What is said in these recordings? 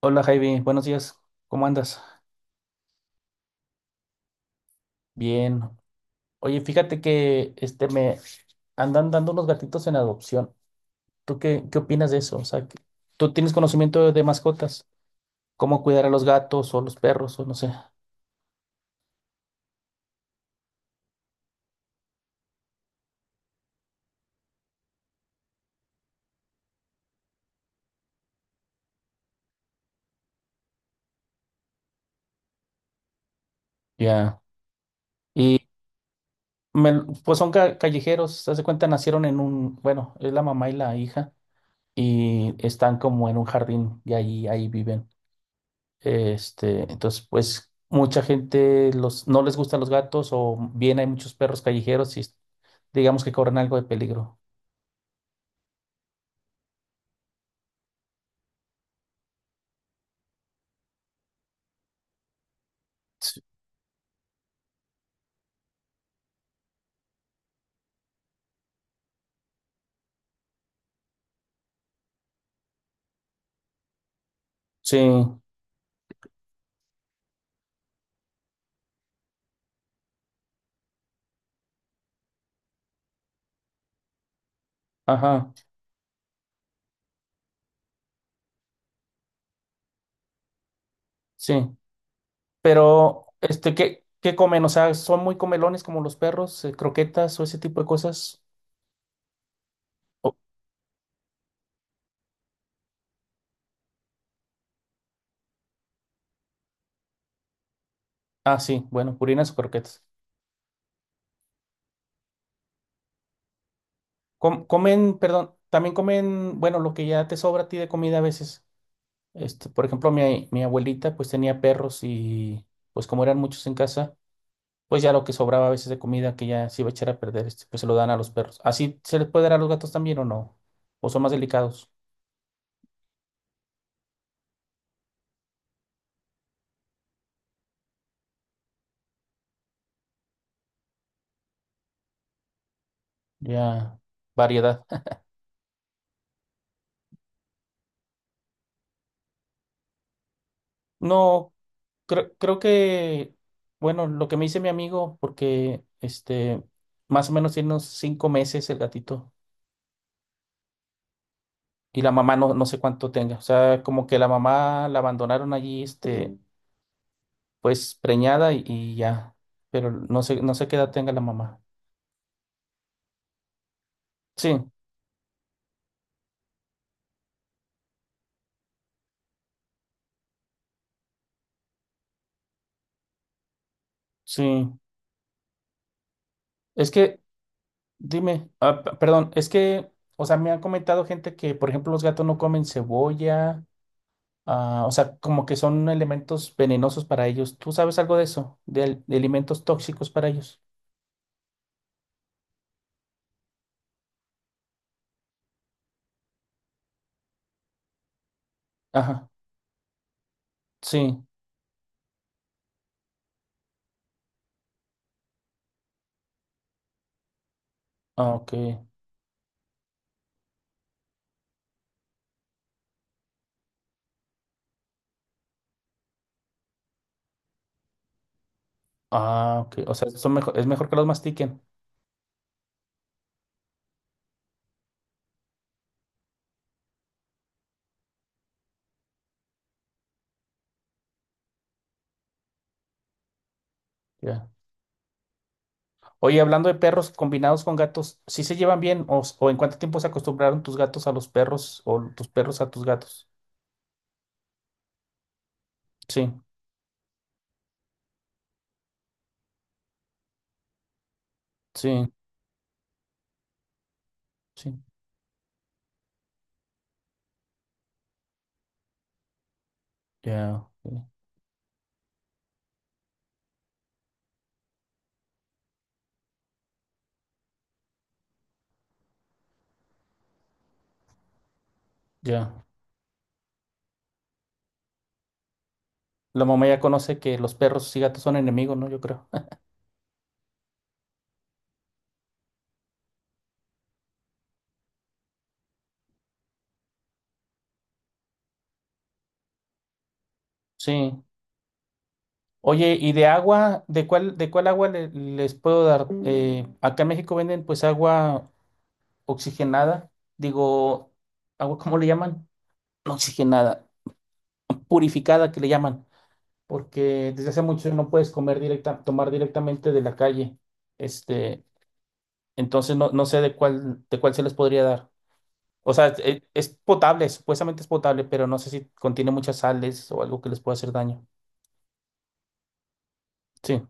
Hola Javi, buenos días, ¿cómo andas? Bien. Oye, fíjate que me andan dando unos gatitos en adopción. ¿Tú qué opinas de eso? O sea, ¿tú tienes conocimiento de mascotas? ¿Cómo cuidar a los gatos o los perros o no sé? Ya. Y pues son callejeros, se hace cuenta, nacieron en bueno, es la mamá y la hija y están como en un jardín y ahí viven. Entonces, pues mucha gente no les gustan los gatos o bien hay muchos perros callejeros y digamos que corren algo de peligro. Sí, sí, ajá, sí. Pero, ¿qué comen? O sea, ¿son muy comelones como los perros? ¿Croquetas o ese tipo de cosas? O- ah, sí, bueno, purinas o croquetas. Comen, perdón, también comen, bueno, lo que ya te sobra a ti de comida a veces. Por ejemplo, mi abuelita pues tenía perros y pues como eran muchos en casa, pues ya lo que sobraba a veces de comida que ya se iba a echar a perder, pues se lo dan a los perros. ¿Así se les puede dar a los gatos también o no? ¿O son más delicados? Ya, variedad. No, creo que, bueno, lo que me dice mi amigo, porque más o menos tiene unos 5 meses el gatito y la mamá no, no sé cuánto tenga. O sea, como que la mamá la abandonaron allí, pues preñada y ya, pero no sé qué edad tenga la mamá. Sí, sí. Es que, dime, perdón, es que, o sea, me han comentado gente que, por ejemplo, los gatos no comen cebolla. Ah, o sea, como que son elementos venenosos para ellos. ¿Tú sabes algo de eso? De alimentos tóxicos para ellos. Ajá, sí. Ah, ok. Ah, ok. O sea, es mejor que los mastiquen. Ya. Oye, hablando de perros combinados con gatos, ¿sí se llevan bien? ¿O en cuánto tiempo se acostumbraron tus gatos a los perros o tus perros a tus gatos? Sí, sí, sí. Ya, ok, ya. La mamá ya conoce que los perros y gatos son enemigos, ¿no? Yo creo. Sí. Oye, ¿y de agua? ¿De cuál agua les puedo dar? Acá en México venden pues agua oxigenada, digo, agua, ¿cómo le llaman? No oxigenada, purificada que le llaman, porque desde hace mucho no puedes comer directa, tomar directamente de la calle. Este, entonces no sé de cuál se les podría dar. O sea, es potable, supuestamente es potable, pero no sé si contiene muchas sales o algo que les pueda hacer daño. Sí,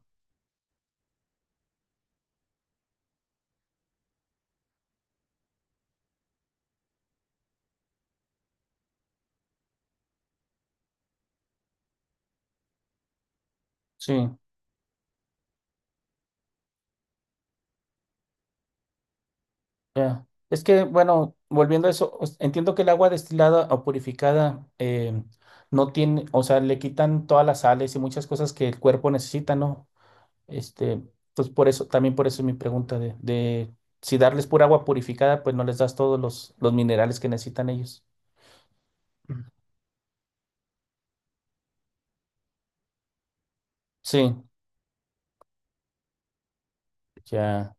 sí. Ya. Es que, bueno, volviendo a eso, entiendo que el agua destilada o purificada no tiene, o sea, le quitan todas las sales y muchas cosas que el cuerpo necesita, ¿no? Este, pues por eso, también por eso es mi pregunta de si darles pura agua purificada, pues no les das todos los minerales que necesitan ellos. Mm. Sí, ya,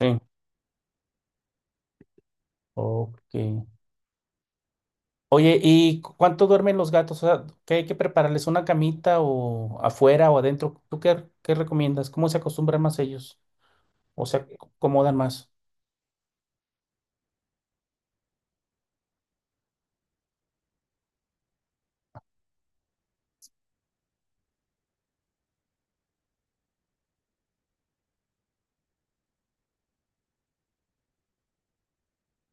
sí, ok. Oye, ¿y cuánto duermen los gatos? O sea, ¿qué hay que prepararles? ¿Una camita o afuera o adentro? ¿Tú qué recomiendas? ¿Cómo se acostumbran más ellos? O sea, se acomodan más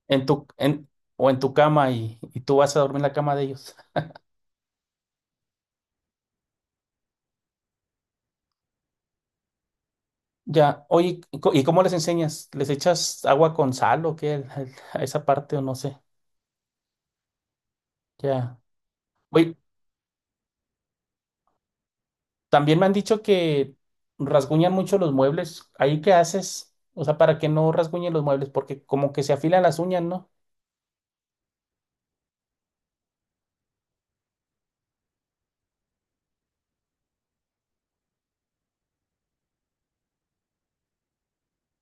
en tu, en, o en tu cama y tú vas a dormir en la cama de ellos. Ya, oye, ¿y cómo les enseñas? ¿Les echas agua con sal o qué? A esa parte o no sé. Ya. Oye, también me han dicho que rasguñan mucho los muebles. ¿Ahí qué haces? O sea, para que no rasguñen los muebles, porque como que se afilan las uñas, ¿no?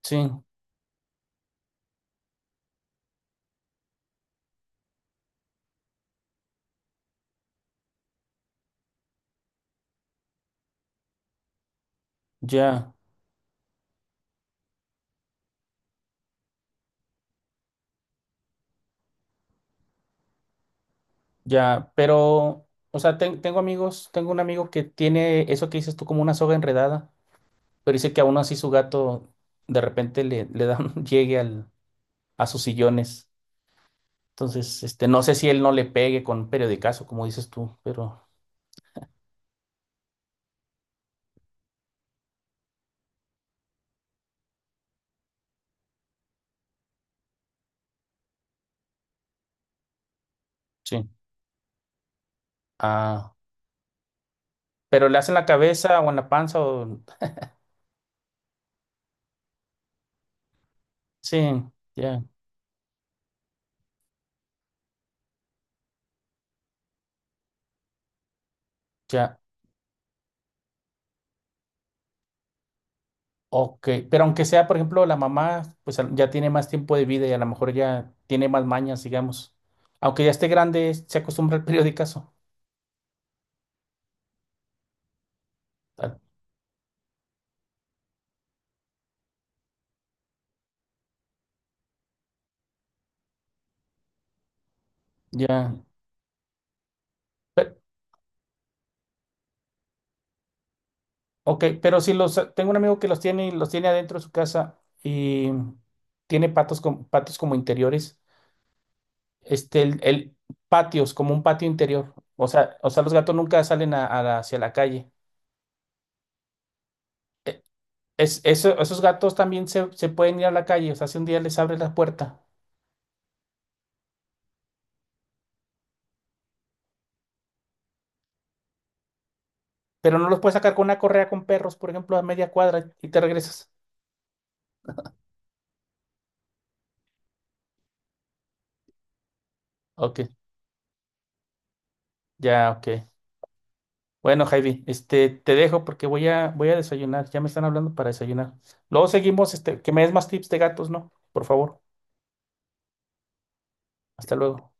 Sí, ya, ya. Pero, o sea, tengo amigos, tengo un amigo que tiene eso que dices tú como una soga enredada. Pero dice que aún así su gato de repente le da un llegue a sus sillones. Entonces, no sé si él no le pegue con un periodicazo, como dices tú, pero sí. Ah, pero le hacen la cabeza o en la panza o... Sí, ya, ya. Ok, pero aunque sea, por ejemplo, la mamá, pues ya tiene más tiempo de vida y a lo mejor ya tiene más mañas, digamos. Aunque ya esté grande, se acostumbra al periodicazo. Ah, ya. Pe- Ok, pero si los, tengo un amigo que los tiene y los tiene adentro de su casa y tiene patios como interiores, este, el, el- patios, como un patio interior. O sea, los gatos nunca salen hacia la calle. E- esos gatos también se pueden ir a la calle, o sea, si un día les abres la puerta, pero no los puedes sacar con una correa con perros, por ejemplo, a media cuadra y te regresas. Ok, ya, ok. Bueno, Javi, te dejo porque voy a desayunar. Ya me están hablando para desayunar. Luego seguimos, que me des más tips de gatos, ¿no? Por favor. Hasta luego.